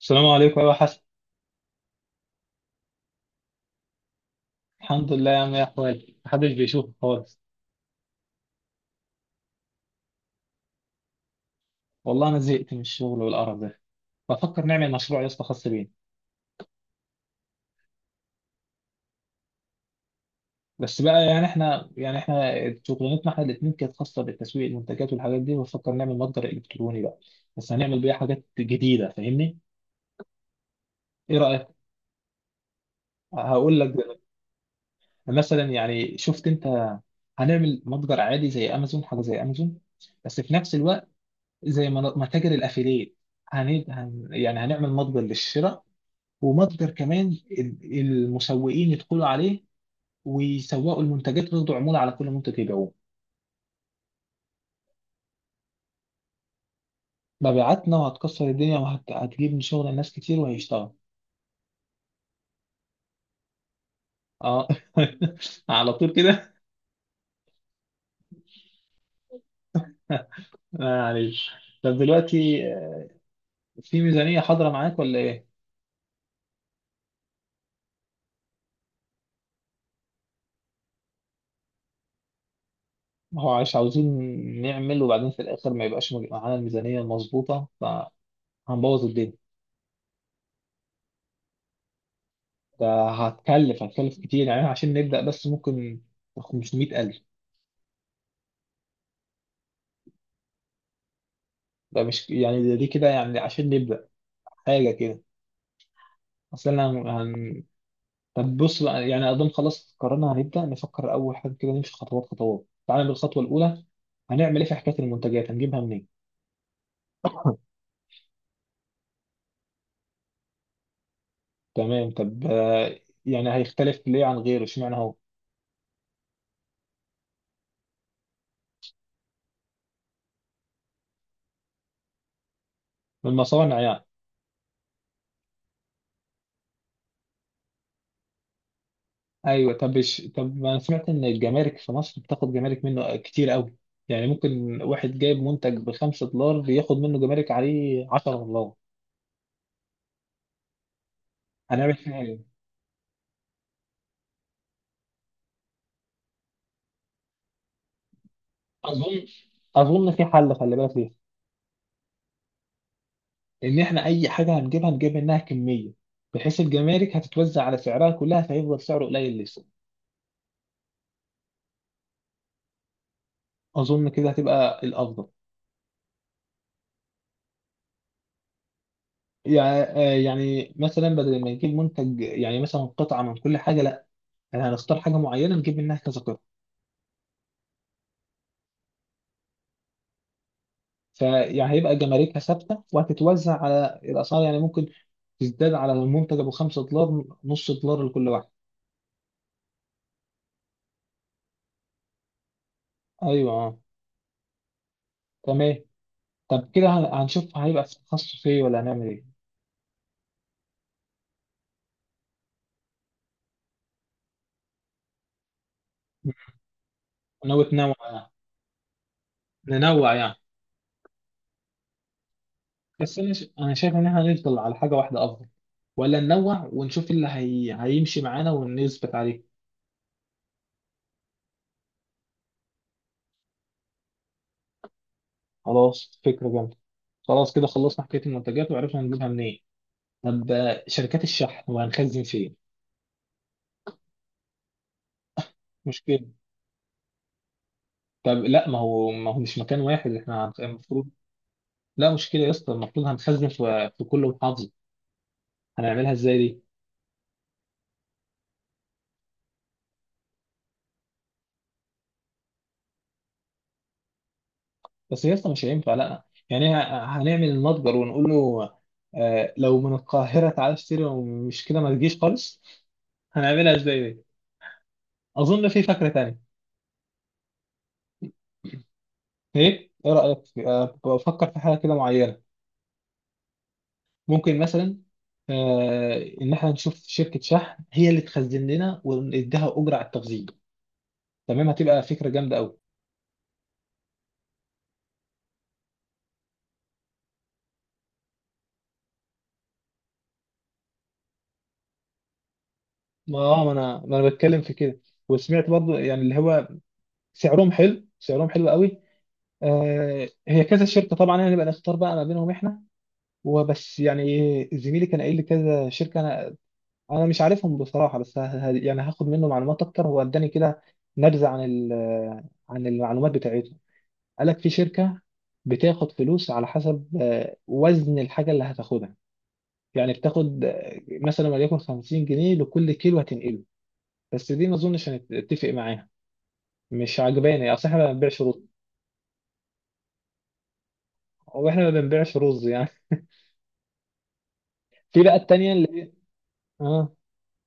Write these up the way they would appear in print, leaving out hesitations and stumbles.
السلام عليكم. ايوه حسن. الحمد لله يا عم. يا احوالك محدش بيشوفك خالص. والله انا زهقت من الشغل والقرف ده. بفكر نعمل مشروع يا اسطى خاص بينا. بس بقى يعني احنا شغلانتنا احنا الاثنين كانت خاصه بالتسويق المنتجات والحاجات دي. بفكر نعمل متجر الكتروني بقى، بس هنعمل بيه حاجات جديده، فاهمني؟ ايه رايك؟ هقول لك. مثلا يعني شفت انت، هنعمل متجر عادي زي امازون، حاجه زي امازون، بس في نفس الوقت زي متاجر الافيليت. يعني هنعمل متجر للشراء ومصدر كمان المسوقين يدخلوا عليه ويسوقوا المنتجات وياخدوا عمولة على كل منتج يبيعوه. مبيعاتنا وهتكسر الدنيا، وهتجيب من شغل الناس كتير، وهيشتغل. اه على طول كده. معلش. طب دلوقتي، في ميزانية حاضرة معاك ولا ايه؟ ما هو عايش عاوزين نعمل، وبعدين في الآخر ما يبقاش معانا الميزانية المظبوطة فهنبوظ الدنيا. ده هتكلف كتير يعني، عشان نبدأ بس ممكن 500,000. ده مش يعني، دي كده يعني عشان نبدأ حاجة كده. اصل انا هن... طب بص بقى، يعني اظن خلاص قررنا هنبدا نفكر. اول حاجه كده نمشي خطوات خطوات. تعالى بالخطوه الاولى، هنعمل ايه في حكايه المنتجات؟ هنجيبها منين؟ تمام. طب يعني هيختلف ليه عن غيره؟ اشمعنى هو؟ من المصانع يعني. ايوه. طب طب انا سمعت ان الجمارك في مصر بتاخد جمارك منه كتير قوي. يعني ممكن واحد جايب منتج بخمسة دولار بياخد منه جمارك عليه 10 دولار. هنعمل فيها ايه؟ اظن اظن في حل، خلي بالك. ان احنا اي حاجه هنجيبها نجيب منها كميه، بحيث الجمارك هتتوزع على سعرها كلها، فهيفضل سعره قليل لسه. اظن كده هتبقى الافضل. يعني، يعني مثلا بدل ما نجيب منتج، يعني مثلا قطعه من كل حاجه، لا، احنا هنختار حاجه معينه نجيب منها كذا قطعه. فيعني هيبقى جماركها ثابته وهتتوزع على الاسعار. يعني ممكن تزداد على المنتج ابو 5 دولار نص دولار لكل واحد. ايوه. تمام. طب كده هنشوف هيبقى في تخصص ايه ولا هنعمل ايه. ناوي تنوع؟ ننوع يعني؟ بس انا انا شايف ان احنا نفضل على حاجه واحده افضل، ولا ننوع ونشوف هيمشي معانا ونثبت عليه. خلاص، فكره جامده. خلاص كده خلصنا حكايه المنتجات وعرفنا نجيبها منين. طب شركات الشحن، وهنخزن فين؟ مشكله. طب لا، ما هو مش مكان واحد، احنا المفروض. لا مشكله يا اسطى، المفروض هنخزن في كل محافظه. هنعملها ازاي دي؟ بس يا اسطى مش هينفع، لا يعني هنعمل المتجر ونقول له لو من القاهرة تعالى اشتري، ومش كده ما تجيش خالص. هنعملها ازاي دي؟ اظن في فكرة تانية. ايه، ايه رأيك بفكر في حاجة كده معينة. ممكن مثلا ان احنا نشوف شركة شحن هي اللي تخزن لنا ونديها اجرة على التخزين. تمام، هتبقى فكرة جامدة قوي. ما انا بتكلم في كده. وسمعت برضو يعني اللي هو سعرهم حلو، سعرهم حلو قوي. هي كذا شركه طبعا، هنبقى نختار بقى ما بينهم احنا. وبس يعني زميلي كان قايل لي كذا شركه. انا انا مش عارفهم بصراحه، بس يعني هاخد منه معلومات اكتر. هو اداني كده نبذه عن عن المعلومات بتاعتهم. قال لك في شركه بتاخد فلوس على حسب وزن الحاجه اللي هتاخدها. يعني بتاخد مثلا وليكن 50 جنيه لكل كيلو هتنقله. بس دي ما اظنش هنتفق معاها، مش عجباني، اصل احنا ما بنبيعش رز. واحنا ما بنبيعش رز يعني. في بقى التانيه اللي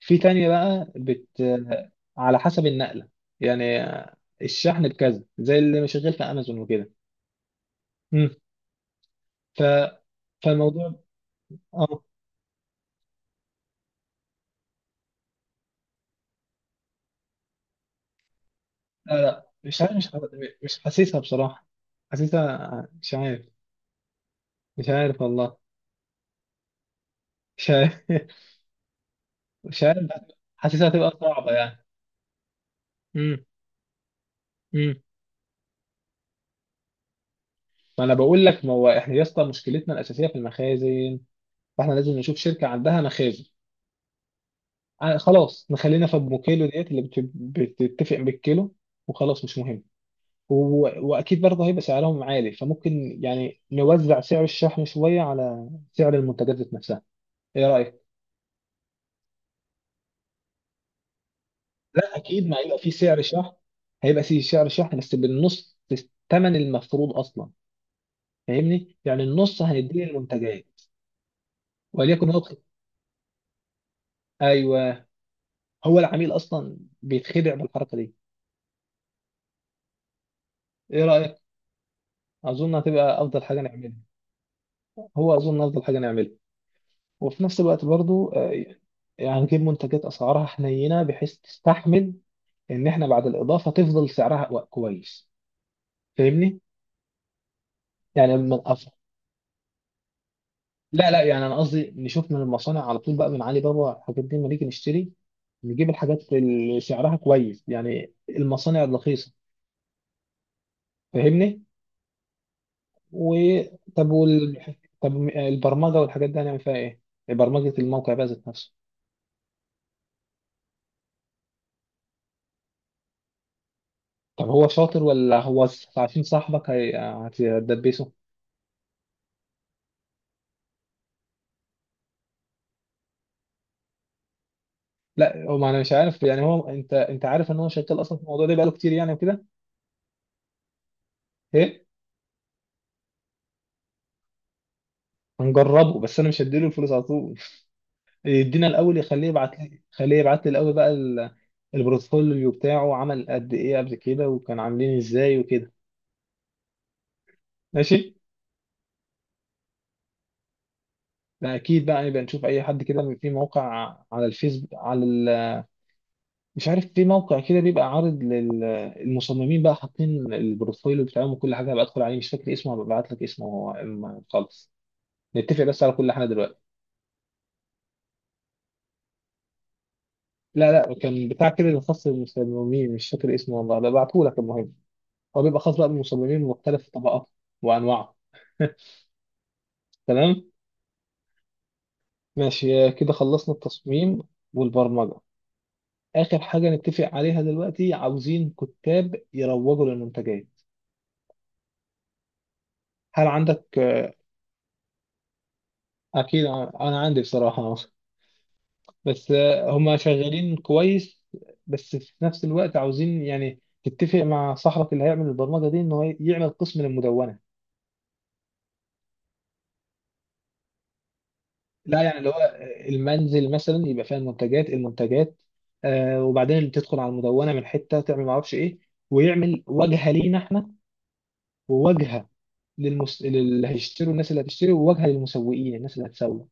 في تانية بقى بت على حسب النقلة يعني. الشحن بكذا زي اللي مشغل في أمازون وكده. مم. ف... فالموضوع اه. لا لا، مش حاسسها بصراحة. حاسسها مش عارف. مش عارف والله. مش عارف. مش عارف. حاسسها هتبقى صعبة يعني. امم امم ما انا بقول لك، ما هو احنا يا اسطى مشكلتنا الأساسية في المخازن، فاحنا لازم نشوف شركة عندها مخازن. خلاص نخلينا في ابو كيلو ديت اللي بتتفق بالكيلو. وخلاص مش مهم. واكيد برضه هيبقى سعرهم عالي، فممكن يعني نوزع سعر الشحن شويه على سعر المنتجات ذات نفسها. ايه رايك؟ لا اكيد ما هيبقى في سعر شحن، هيبقى في سعر شحن بس بالنص، الثمن المفروض اصلا. فاهمني؟ يعني النص هنديه للمنتجات. وليكن هو، ايوه، هو العميل اصلا بيتخدع بالحركه دي. ايه رايك؟ اظن هتبقى افضل حاجه نعملها. هو اظن افضل حاجه نعملها. وفي نفس الوقت برضه يعني نجيب منتجات اسعارها حنينه، بحيث تستحمل ان احنا بعد الاضافه تفضل سعرها كويس. فاهمني؟ يعني من لا لا، يعني انا قصدي نشوف من المصانع على طول بقى، من علي بابا الحاجات دي لما نيجي نشتري نجيب الحاجات اللي سعرها كويس، يعني المصانع الرخيصه. فاهمني؟ و، طب طب البرمجه والحاجات دي هنعمل فيها ايه؟ برمجه الموقع بقى ذات نفسه. طب هو شاطر ولا هو عشان صاحبك هتدبسه. لا هو، ما انا مش عارف يعني هو. انت انت عارف ان هو شغال اصلا في الموضوع ده بقاله كتير يعني وكده. ايه. هنجربه، بس انا مش هديله الفلوس على طول. يدينا الاول، يخليه يبعت لي، خليه يبعت لي الاول بقى البورتفوليو بتاعه، عمل قد ايه قبل كده، وكان عاملين ازاي وكده. ماشي. ده اكيد بقى، يبقى نشوف اي حد كده في موقع، على الفيس على مش عارف، في موقع كده بيبقى عارض للمصممين بقى، حاطين البورتفوليو بتاعهم وكل حاجه. هبقى ادخل عليه، مش فاكر اسمه، هبقى ابعت لك اسمه هو أما خالص نتفق بس على كل حاجه دلوقتي. لا لا، كان بتاع كده خاص بالمصممين، مش فاكر اسمه والله، ببعته لك. المهم هو بيبقى خاص بقى بالمصممين، مختلف طبقاته وأنواعه. تمام. ماشي كده خلصنا التصميم والبرمجة. آخر حاجة نتفق عليها دلوقتي، عاوزين كتاب يروجوا للمنتجات. هل عندك أكيد أنا عندي بصراحة، بس هما شغالين كويس. بس في نفس الوقت عاوزين يعني تتفق مع صاحبك اللي هيعمل البرمجة دي إنه يعمل قسم للمدونة. لا يعني اللي هو المنزل مثلا يبقى فيها المنتجات، آه، وبعدين اللي تدخل على المدونه من حته تعمل معرفش ايه. ويعمل واجهه لينا احنا، وواجهه اللي هيشتروا، الناس اللي هتشتري، وواجهه للمسوقين، الناس اللي هتسوق.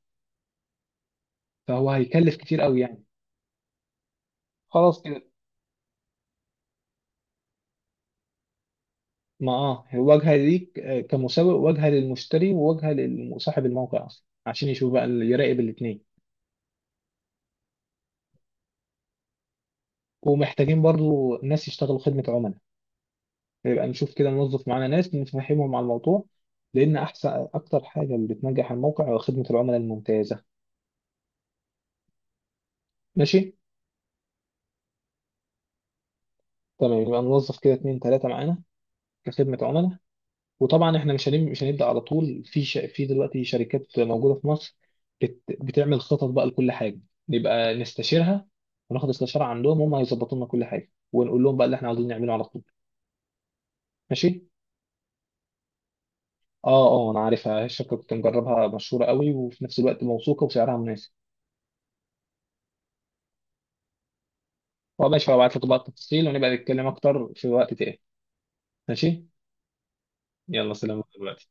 فهو هيكلف كتير قوي يعني. خلاص كده. ما اه واجهه ليك كمسوق، واجهه للمشتري، وواجهه لصاحب الموقع اصلا عشان يشوف بقى، يراقب الاثنين. ومحتاجين برضو ناس يشتغلوا خدمه عملاء. يبقى نشوف كده نوظف معانا ناس نفهمهم على الموضوع، لان احسن اكتر حاجه اللي بتنجح الموقع هو خدمه العملاء الممتازه. ماشي. تمام يبقى نوظف كده اتنين تلاته معانا كخدمه عملاء. وطبعا احنا مش هنبدا على طول في في دلوقتي شركات موجوده في مصر بتعمل خطط بقى لكل حاجه، نبقى نستشيرها وناخد استشاره عندهم، هم هيظبطوا لنا كل حاجه ونقول لهم بقى اللي احنا عاوزين نعمله على طول. ماشي. اه انا عارفها الشركه، كنت مجربها، مشهوره قوي وفي نفس الوقت موثوقه وسعرها مناسب. هو ماشي، هبعت لك بقى التفاصيل ونبقى نتكلم اكتر في وقت تاني. ماشي. يلا سلام دلوقتي.